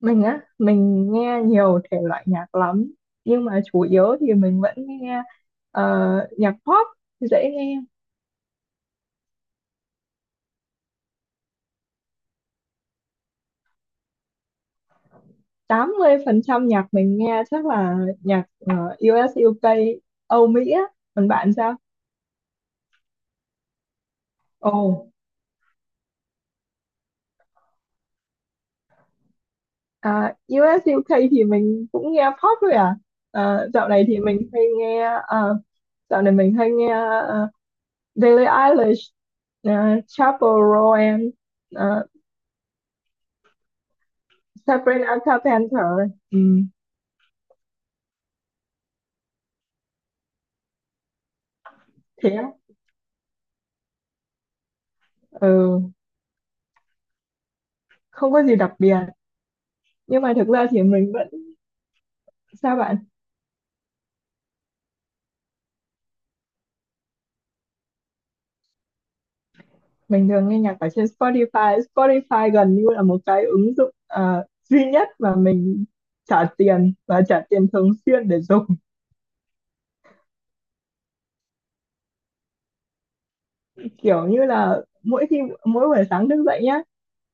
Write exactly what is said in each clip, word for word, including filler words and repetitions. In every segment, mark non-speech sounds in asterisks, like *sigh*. Mình á, mình nghe nhiều thể loại nhạc lắm, nhưng mà chủ yếu thì mình vẫn nghe ờ, nhạc pop dễ nghe. Tám mươi phần trăm nhạc mình nghe chắc là nhạc ờ, u ét diu kê, Âu Mỹ á. Còn bạn sao? Ồ, à, u ét diu kê thì mình cũng nghe pop thôi à. Ờ, dạo này thì mình hay nghe ờ, dạo này mình hay nghe ờ, Billie Eilish, ờ, Chappell Roan, ờ, Sabrina Carpenter. Ừ, thế, ừ, không có gì đặc biệt, nhưng mà thực ra thì mình vẫn. Sao bạn Mình thường nghe nhạc ở trên Spotify. Spotify gần như là một cái ứng dụng ờ, duy nhất mà mình trả tiền, và trả tiền thường xuyên để dùng. Kiểu như là mỗi khi mỗi buổi sáng thức dậy nhá,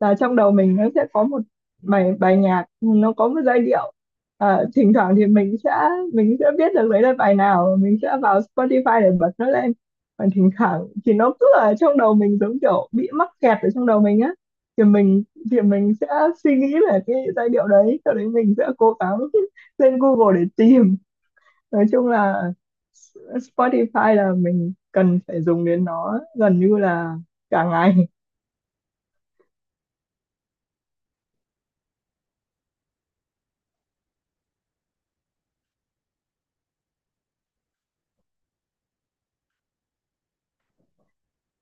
là trong đầu mình nó sẽ có một bài bài nhạc, nó có một giai điệu. À, thỉnh thoảng thì mình sẽ mình sẽ biết được đấy là bài nào, mình sẽ vào Spotify để bật nó lên. Còn thỉnh thoảng thì nó cứ ở trong đầu mình, giống kiểu bị mắc kẹt ở trong đầu mình á, thì mình thì mình sẽ suy nghĩ về cái giai điệu đấy, sau đấy mình sẽ cố gắng *laughs* lên Google để tìm. Nói chung là Spotify là mình cần phải dùng đến nó gần như là cả ngày.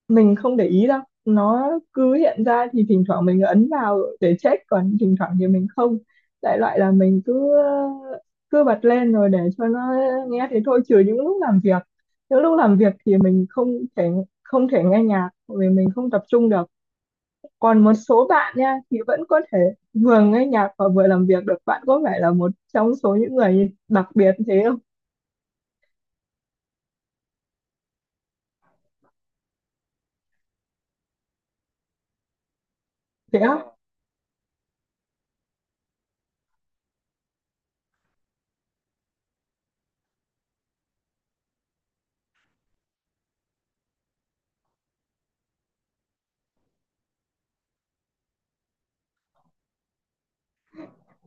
Mình không để ý đâu, nó cứ hiện ra thì thỉnh thoảng mình ấn vào để check, còn thỉnh thoảng thì mình không. Đại loại là mình cứ cứ bật lên rồi để cho nó nghe thế thôi, trừ những lúc làm việc. Những lúc làm việc thì mình không thể không thể nghe nhạc vì mình không tập trung được. Còn một số bạn nha thì vẫn có thể vừa nghe nhạc và vừa làm việc được, bạn có phải là một trong số những người đặc biệt thế không? Thế á?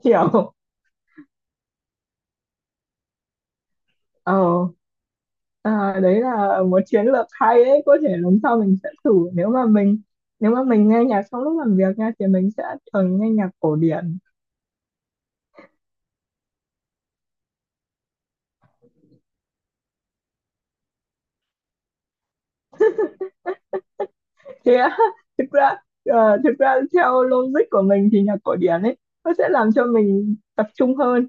Hiểu. ờ À, đấy là một chiến lược hay đấy, có thể lần sau mình sẽ thử. Nếu mà mình, nếu mà mình nghe nhạc trong lúc làm việc nha, thì mình sẽ thường nghe nhạc cổ điển. Thế á? *laughs* Thực ra ờ, thực ra theo logic của mình thì nhạc cổ điển ấy, nó sẽ làm cho mình tập trung hơn.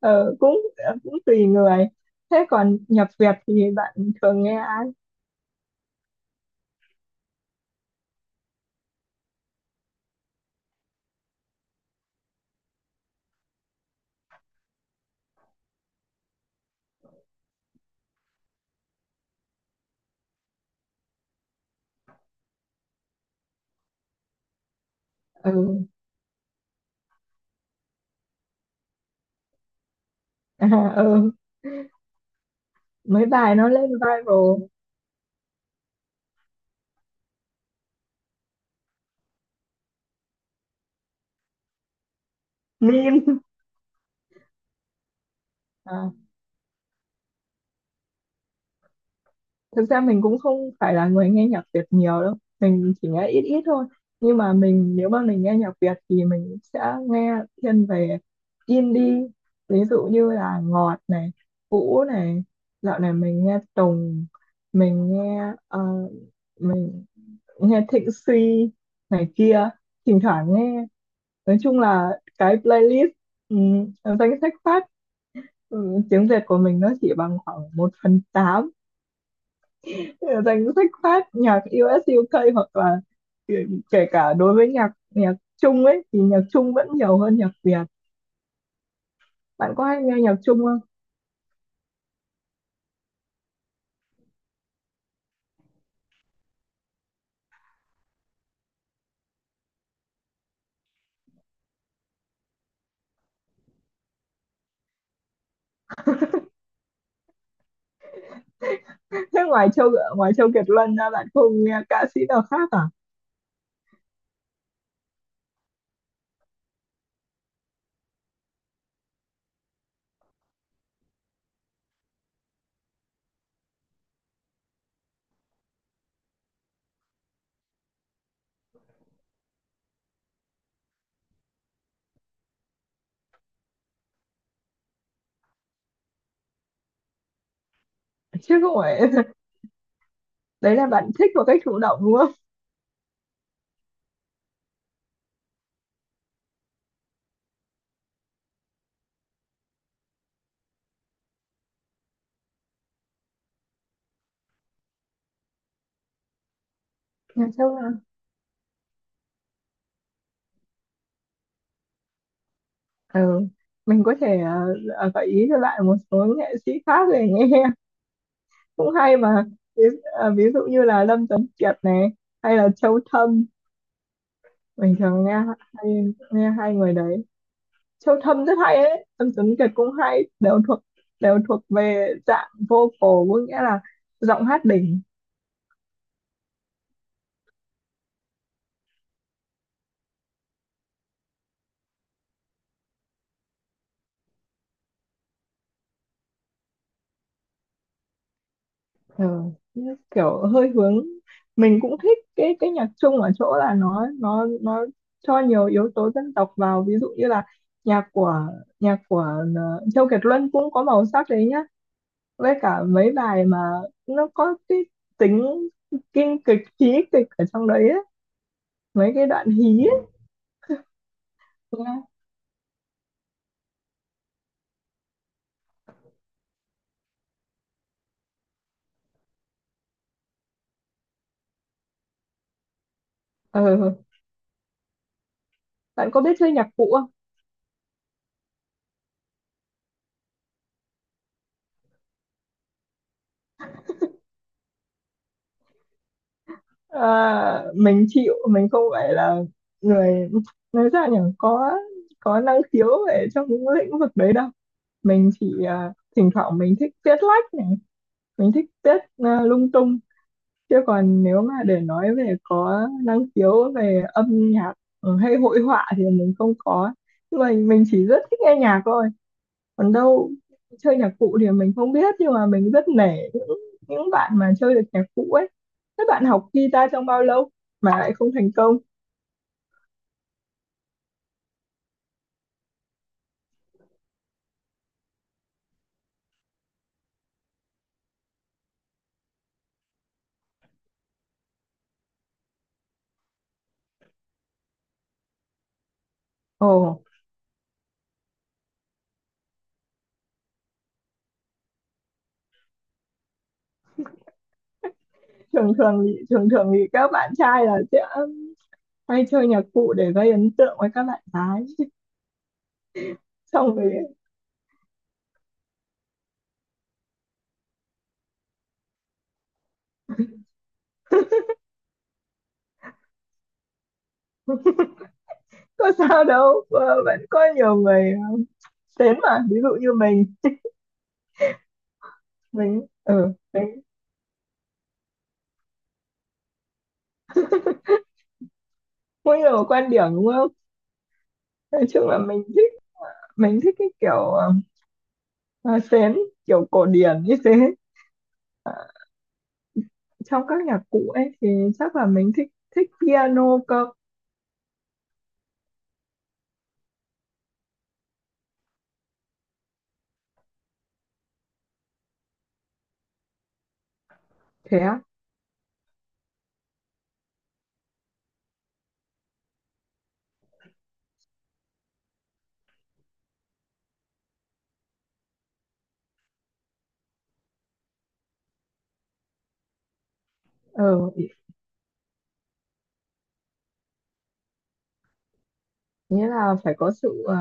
Ờ, cũng cũng tùy người. Thế còn nhạc Việt thì bạn thường nghe? Ừ. À, ừ, mấy bài nó lên viral meme. À, thực ra mình cũng không phải là người nghe nhạc Việt nhiều đâu, mình chỉ nghe ít ít thôi. Nhưng mà mình, nếu mà mình nghe nhạc Việt thì mình sẽ nghe thiên về indie, ví dụ như là Ngọt này, Vũ này, dạo này mình nghe Tùng, mình nghe ờ, mình nghe Thịnh Suy này kia, thỉnh thoảng nghe. Nói chung là cái playlist, ừ, danh sách phát, ừ, tiếng Việt của mình nó chỉ bằng khoảng một phần tám danh sách phát nhạc u ét u ca, hoặc là kể, kể cả đối với nhạc nhạc Trung ấy, thì nhạc Trung vẫn nhiều hơn nhạc Việt. Bạn có hay nghe nhạc Trung không? Thế ngoài Châu, ngoài Châu Kiệt Luân ra bạn không nghe ca sĩ nào khác à? Chứ không phải *laughs* đấy là bạn thích một cách chủ động đúng không? Nhạc Trung à? Ừ. Mình có thể ờ, gợi ý cho bạn một số nghệ sĩ khác để nghe *laughs* cũng hay mà. Ví, ờ, ví dụ như là Lâm Tuấn Kiệt này, hay là Châu Thâm, bình thường nghe, hay nghe hai người đấy. Châu Thâm rất hay ấy, Tâm Tuấn Kiệt cũng hay, đều thuộc, đều thuộc về dạng vocal, có nghĩa là giọng hát đỉnh. Ờ, kiểu hơi hướng. Mình cũng thích cái cái nhạc Trung ở chỗ là nó nó nó cho nhiều yếu tố dân tộc vào, ví dụ như là nhạc của nhạc của ờ, Châu Kiệt Luân cũng có màu sắc đấy nhá, với cả mấy bài mà nó có cái tính kinh kịch, trí kịch ở trong đấy ấy, mấy cái đoạn hí. Đúng á. Ờ, bạn có biết chơi nhạc cụ không? À, mình chịu, mình không phải là người, nói ra nhỉ, có có năng khiếu về trong những lĩnh vực đấy đâu. Mình chỉ à, thỉnh thoảng mình thích viết lách này, mình thích viết à, lung tung. Chứ còn nếu mà để nói về có năng khiếu về âm nhạc, ừ, hay hội họa thì mình không có. Nhưng mà mình chỉ rất thích nghe nhạc thôi. Còn đâu chơi nhạc cụ thì mình không biết, nhưng mà mình rất nể những những bạn mà chơi được nhạc cụ ấy. Các bạn học guitar trong bao lâu mà lại không thành công? Ồ, thường thường thì, thường thường thì các bạn trai là sẽ hay chơi nhạc cụ để gây ấn tượng với các bạn gái, xong rồi. Có sao đâu, ờ, vẫn có nhiều người ờ, đến mà, ví dụ như mình mình ừ, mình có nhiều quan điểm đúng không? Nói chung là mình thích mình thích cái kiểu, uh, sến, kiểu cổ điển như thế. Trong các nhạc cụ ấy thì chắc là mình thích, thích piano cơ. Thế á? Ờ, nghĩa là phải có sự ờ,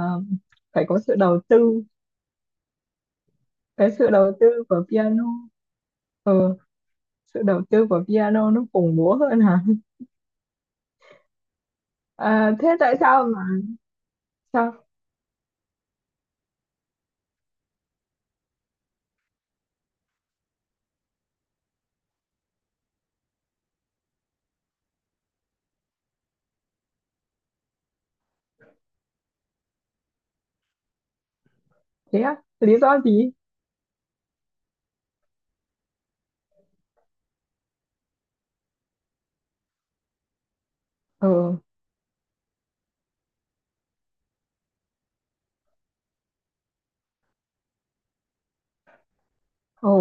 phải có sự đầu tư. Cái sự đầu tư của piano, ờ, sự đầu tư của piano nó khủng bố hơn hả? À, thế tại sao mà sao? Thế á? Lý do gì? Ờ. Ồ,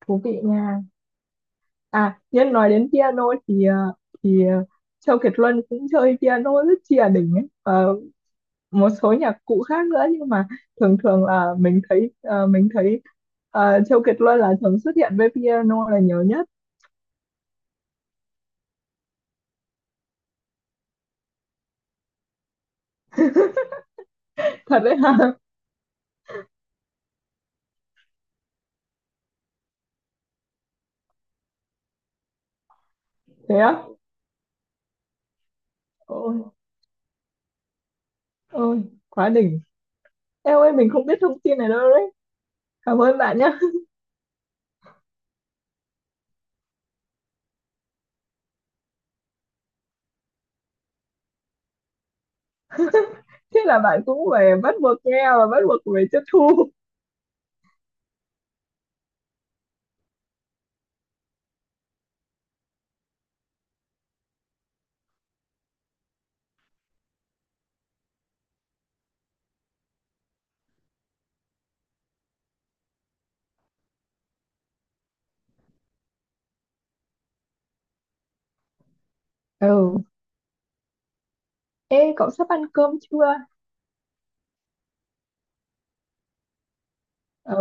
thú vị nha. À nhân nói đến piano thì ờ, thì ờ, Châu Kiệt Luân cũng chơi piano rất chìa đỉnh ấy. Ờ, một số nhạc cụ khác nữa, nhưng mà thường thường là mình thấy ờ, mình thấy ờ, Châu Kiệt Luân là thường xuất hiện với piano là nhiều nhất. Thật đấy hả? *laughs* Thế á? Ôi, ôi, quá đỉnh! Em ơi mình không biết thông tin này đâu đấy, cảm ơn bạn nhé *laughs* thế là bạn cũng phải bắt buộc nghe và bắt buộc phải tiếp thu. Ừ. Ê, cậu sắp ăn cơm chưa? Ờ.